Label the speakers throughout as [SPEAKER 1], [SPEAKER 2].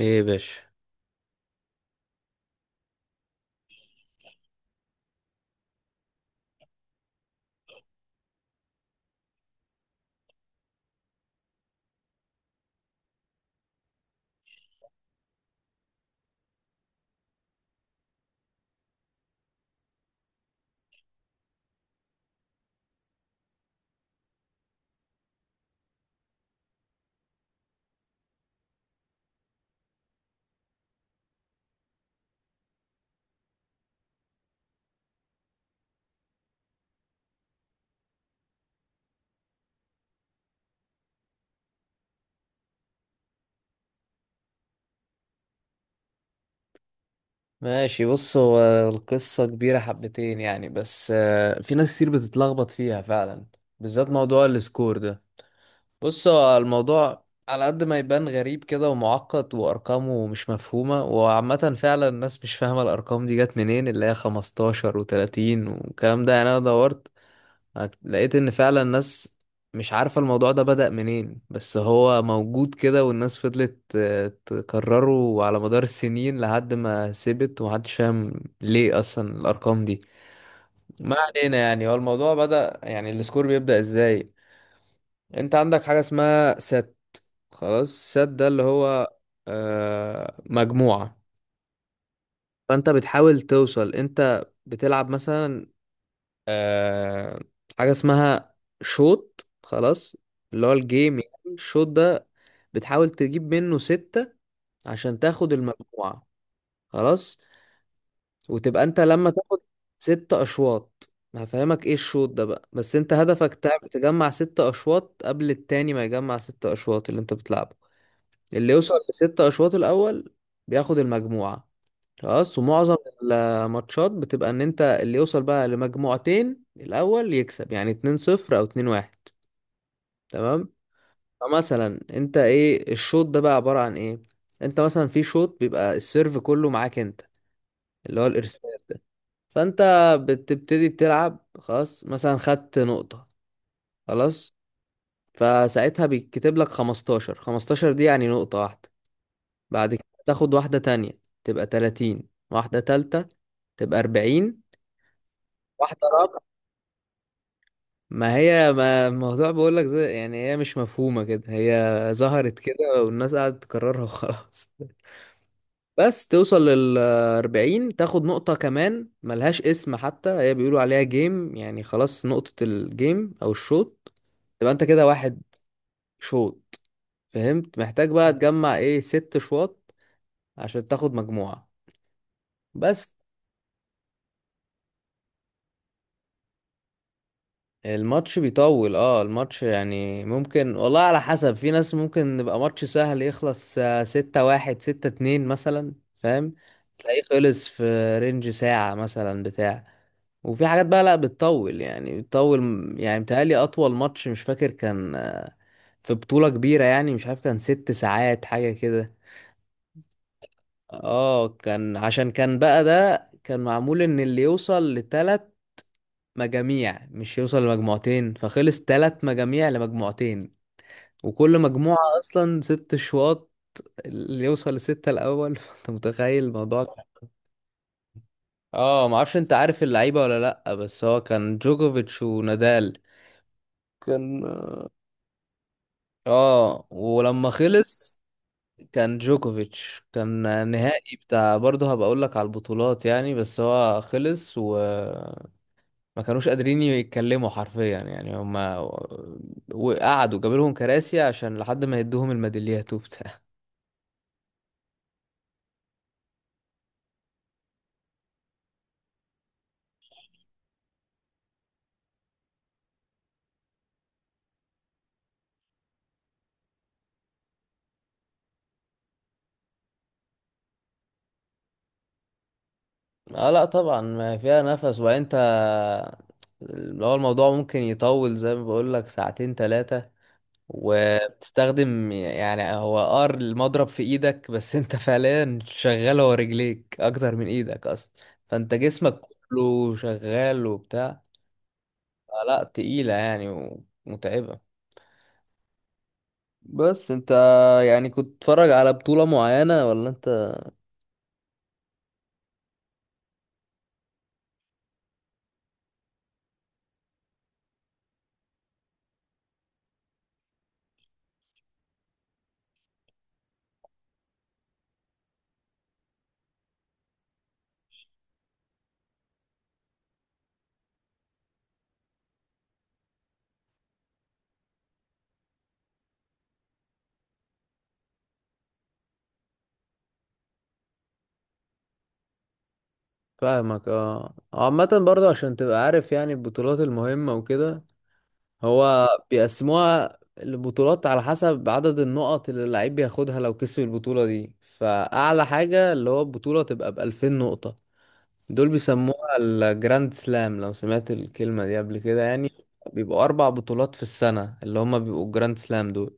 [SPEAKER 1] ايه يا باشا. ماشي، بص هو القصة كبيرة حبتين يعني، بس في ناس كتير بتتلخبط فيها فعلا، بالذات موضوع السكور ده. بص، هو الموضوع على قد ما يبان غريب كده ومعقد وأرقامه مش مفهومة، وعامة فعلا الناس مش فاهمة الأرقام دي جت منين، اللي هي 15 و30 والكلام ده. يعني أنا دورت، لقيت ان فعلا الناس مش عارفة الموضوع ده بدأ منين، بس هو موجود كده والناس فضلت تكرره على مدار السنين لحد ما سبت ومحدش فاهم ليه اصلا الارقام دي. ما علينا يعني، هو الموضوع بدأ يعني السكور بيبدأ ازاي. انت عندك حاجة اسمها سات، خلاص. سات ده اللي هو مجموعة. فانت بتحاول توصل، انت بتلعب مثلا آه حاجة اسمها شوط، خلاص، اللي هو الجيم، يعني الشوط ده بتحاول تجيب منه ستة عشان تاخد المجموعة، خلاص. وتبقى انت لما تاخد ستة أشواط. هفهمك ايه الشوط ده بقى، بس انت هدفك تجمع ستة أشواط قبل التاني ما يجمع ستة أشواط، اللي انت بتلعبه. اللي يوصل لستة أشواط الأول بياخد المجموعة، خلاص. ومعظم الماتشات بتبقى ان انت اللي يوصل بقى لمجموعتين الاول يكسب، يعني 2-0 او 2-1، تمام. فمثلا انت ايه الشوط ده بقى عبارة عن ايه، انت مثلا في شوط بيبقى السيرف كله معاك انت، اللي هو الارسال ده. فانت بتبتدي بتلعب، خلاص، مثلا خدت نقطة، خلاص، فساعتها بيتكتب لك 15. 15 دي يعني نقطة واحدة. بعد كده تاخد واحدة تانية، تبقى 30. واحدة تالتة، تبقى 40. واحدة رابعة، ما الموضوع بقول لك، زي يعني هي مش مفهومة كده، هي ظهرت كده والناس قعدت تكررها وخلاص. بس توصل لل 40، تاخد نقطة كمان ملهاش اسم حتى، هي بيقولوا عليها جيم، يعني خلاص نقطة الجيم أو الشوط، تبقى أنت كده واحد شوط. فهمت؟ محتاج بقى تجمع إيه، ست شواط عشان تاخد مجموعة، بس. الماتش بيطول، اه الماتش يعني ممكن، والله على حسب، في ناس ممكن يبقى ماتش سهل يخلص ستة واحد، ستة اتنين مثلا، فاهم؟ تلاقيه خلص في رينج ساعة مثلا بتاع. وفي حاجات بقى لا بتطول، يعني بتطول يعني متهيألي أطول ماتش مش فاكر كان في بطولة كبيرة يعني، مش عارف كان 6 ساعات حاجة كده. اه، كان عشان كان بقى ده كان معمول ان اللي يوصل لتلات مجاميع، مش يوصل لمجموعتين، فخلص تلات مجاميع لمجموعتين، وكل مجموعة أصلا ست شواط، اللي يوصل لستة الأول. فأنت متخيل الموضوع اه معرفش، أنت عارف اللعيبة ولا لأ؟ بس هو كان جوكوفيتش ونادال كان. اه، ولما خلص كان جوكوفيتش، كان نهائي بتاع، برضه هبقى أقول لك على البطولات يعني. بس هو خلص وما كانوش قادرين يتكلموا حرفيا يعني، هما وقعدوا جابوا لهم كراسي عشان لحد ما يدوهم الميداليات وبتاع. اه لا طبعا ما فيها نفس، وبعدين انت اللي هو الموضوع ممكن يطول زي ما بقول لك ساعتين ثلاثة، وبتستخدم يعني هو ار المضرب في ايدك، بس انت فعليا شغال هو، رجليك اكتر من ايدك اصلا، فانت جسمك كله شغال وبتاع. اه لا تقيلة يعني، ومتعبة. بس انت يعني كنت بتتفرج على بطولة معينة ولا انت؟ فاهمك. اه، عامة برضه عشان تبقى عارف يعني البطولات المهمة وكده، هو بيقسموها البطولات على حسب عدد النقط اللي اللعيب بياخدها لو كسب البطولة دي. فأعلى حاجة اللي هو البطولة تبقى بألفين نقطة، دول بيسموها الجراند سلام، لو سمعت الكلمة دي قبل كده يعني. بيبقوا أربع بطولات في السنة اللي هما بيبقوا الجراند سلام دول،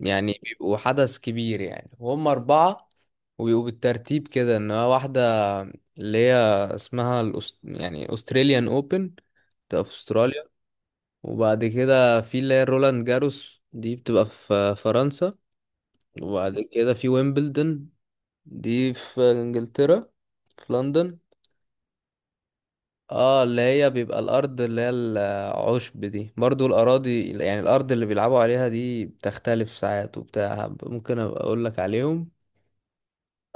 [SPEAKER 1] يعني بيبقوا حدث كبير يعني، وهم أربعة. وبيبقوا بالترتيب كده، إن هو واحدة اللي هي يعني أستراليان أوبن في أستراليا. وبعد كده في اللي هي روland جاروس، دي بتبقى في فرنسا. وبعد كده في ويمبلدون، دي في انجلترا، في لندن. اه، اللي هي بيبقى الارض اللي هي العشب دي، برضو الاراضي يعني الارض اللي بيلعبوا عليها دي بتختلف ساعات وبتاع، ممكن ابقى اقول لك عليهم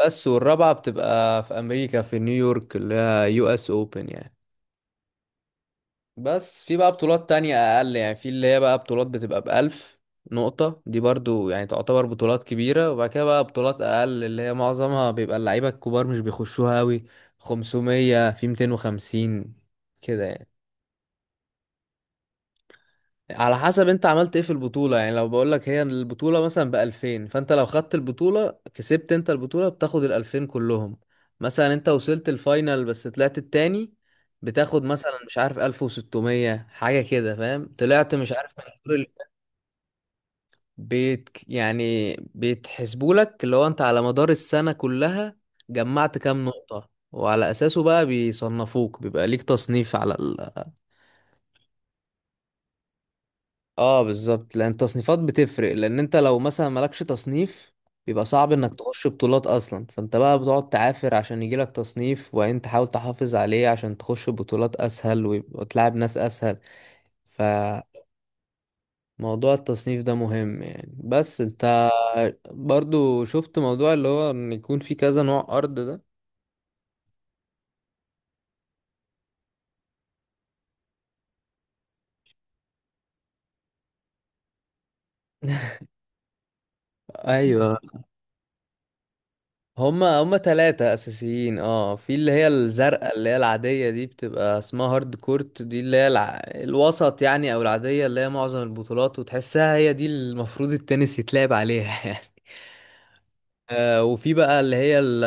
[SPEAKER 1] بس. والرابعة بتبقى في امريكا، في نيويورك، اللي هي US Open يعني. بس في بقى بطولات تانية أقل، يعني في اللي هي بقى بطولات بتبقى ب1000 نقطة، دي برضو يعني تعتبر بطولات كبيرة. وبعد كده بقى بطولات أقل اللي هي معظمها بيبقى اللعيبة الكبار مش بيخشوها أوي، 500 في 250 كده يعني. على حسب انت عملت ايه في البطولة، يعني لو بقولك هي البطولة مثلا ب2000، فانت لو خدت البطولة، كسبت انت البطولة، بتاخد ال2000 كلهم. مثلا انت وصلت الفاينل بس طلعت التاني، بتاخد مثلا مش عارف 1600 حاجة كده، فاهم؟ طلعت مش عارف من الدور بيت يعني، بيتحسبولك اللي هو انت على مدار السنة كلها جمعت كام نقطة، وعلى أساسه بقى بيصنفوك، بيبقى ليك تصنيف على. اه بالظبط، لان التصنيفات بتفرق، لان انت لو مثلا مالكش تصنيف بيبقى صعب انك تخش بطولات اصلا، فانت بقى بتقعد تعافر عشان يجيلك تصنيف، وبعدين تحاول تحافظ عليه عشان تخش بطولات اسهل وتلعب ناس اسهل. فموضوع التصنيف ده مهم يعني. بس انت برضو شفت موضوع اللي هو ان يكون في كذا نوع ارض ده. ايوه، هما ثلاثة أساسيين. اه، في اللي هي الزرقاء اللي هي العادية دي، بتبقى اسمها هارد كورت، دي اللي هي الوسط يعني أو العادية، اللي هي معظم البطولات، وتحسها هي دي المفروض التنس يتلعب عليها يعني. آه، وفي بقى اللي هي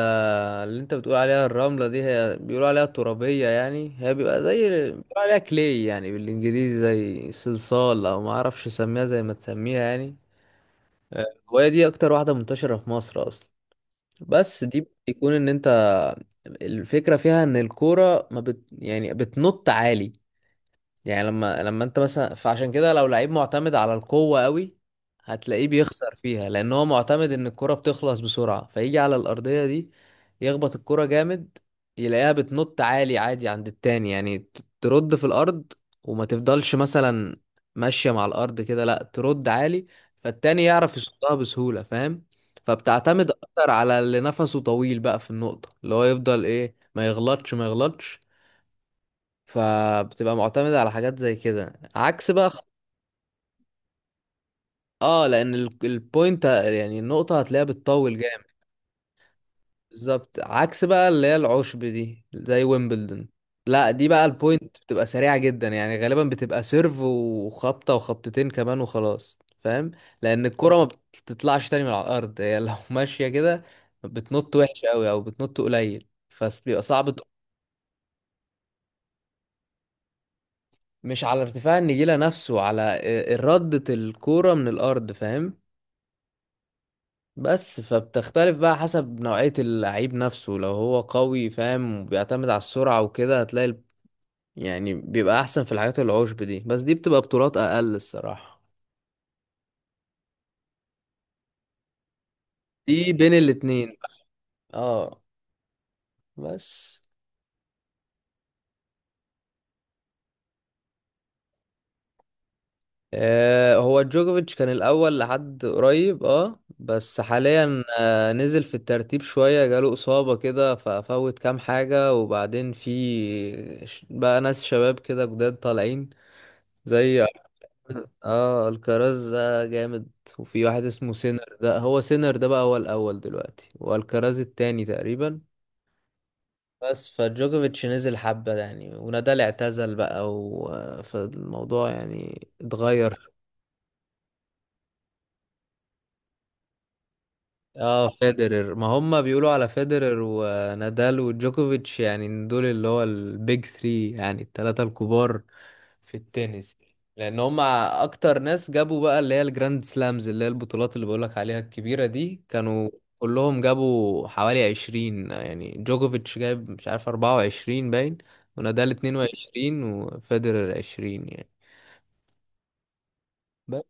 [SPEAKER 1] اللي انت بتقول عليها الرملة دي، هي بيقولوا عليها الترابية يعني. هي بيبقى زي، بيقولوا عليها كلي يعني بالانجليزي، زي صلصال، او ما اعرفش اسميها زي ما تسميها يعني. آه، وهي دي اكتر واحدة منتشرة في مصر اصلا. بس دي بيكون ان انت، الفكرة فيها ان الكورة ما بت يعني بتنط عالي يعني. لما انت مثلا، فعشان كده لو لعيب معتمد على القوة قوي، هتلاقيه بيخسر فيها، لان هو معتمد ان الكرة بتخلص بسرعة، فيجي على الأرضية دي يخبط الكرة جامد، يلاقيها بتنط عالي عادي عند التاني، يعني ترد في الأرض وما تفضلش مثلا ماشية مع الأرض كده، لا، ترد عالي، فالتاني يعرف يصدها بسهولة، فاهم؟ فبتعتمد اكتر على اللي نفسه طويل بقى في النقطة، اللي هو يفضل ايه، ما يغلطش. فبتبقى معتمدة على حاجات زي كده، عكس بقى اه لان البوينت يعني النقطة هتلاقيها بتطول جامد. بالظبط، عكس بقى اللي هي العشب دي زي ويمبلدون، لا دي بقى البوينت بتبقى سريعة جدا يعني، غالبا بتبقى سيرف وخبطة وخبطتين كمان وخلاص، فاهم؟ لان الكرة ما بتطلعش تاني من على الارض، هي لو ماشية كده بتنط وحش قوي، او بتنط قليل، فبيبقى صعب. مش على ارتفاع النجيلة نفسه، على ردة الكورة من الارض، فاهم؟ بس فبتختلف بقى حسب نوعية اللعيب نفسه، لو هو قوي فاهم وبيعتمد على السرعة وكده، هتلاقي يعني بيبقى أحسن في الحاجات العشب دي، بس دي بتبقى بطولات أقل الصراحة. دي بين الاتنين. اه. بس آه هو جوكوفيتش كان الأول لحد قريب، اه بس حاليا آه نزل في الترتيب شوية، جاله إصابة كده ففوت كام حاجة، وبعدين في بقى ناس شباب كده جداد طالعين زي، اه الكراز ده جامد، وفي واحد اسمه سينر، ده هو سينر ده بقى هو الاول دلوقتي، والكراز التاني تقريبا. بس فجوكوفيتش نزل حبة يعني، ونادال اعتزل بقى، و... فالموضوع يعني اتغير. اه فيدرر، ما هم بيقولوا على فيدرر ونادال وجوكوفيتش يعني دول اللي هو البيج ثري، يعني التلاتة الكبار في التنس، لان هم اكتر ناس جابوا بقى اللي هي الجراند سلامز، اللي هي البطولات اللي بقولك عليها الكبيرة دي، كانوا كلهم جابوا حوالي 20 يعني. جوكوفيتش جايب مش عارف 24 باين، ونادال 22، وفيدرر 20 يعني. بس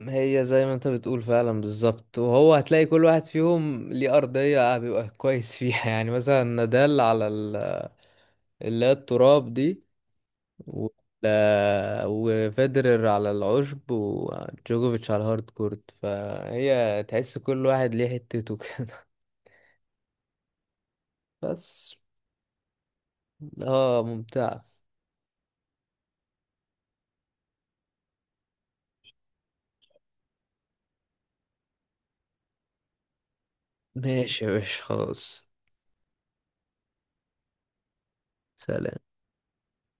[SPEAKER 1] هي زي ما انت بتقول فعلا بالظبط، وهو هتلاقي كل واحد فيهم ليه أرضية بيبقى كويس فيها يعني، مثلا نادال على اللي هي التراب دي، و... وفيدرر على العشب، وجوكوفيتش على الهارد كورت، فهي تحس كل واحد ليه حتته كده. بس. اه ممتع. ماشي يا باشا، خلاص. سلام.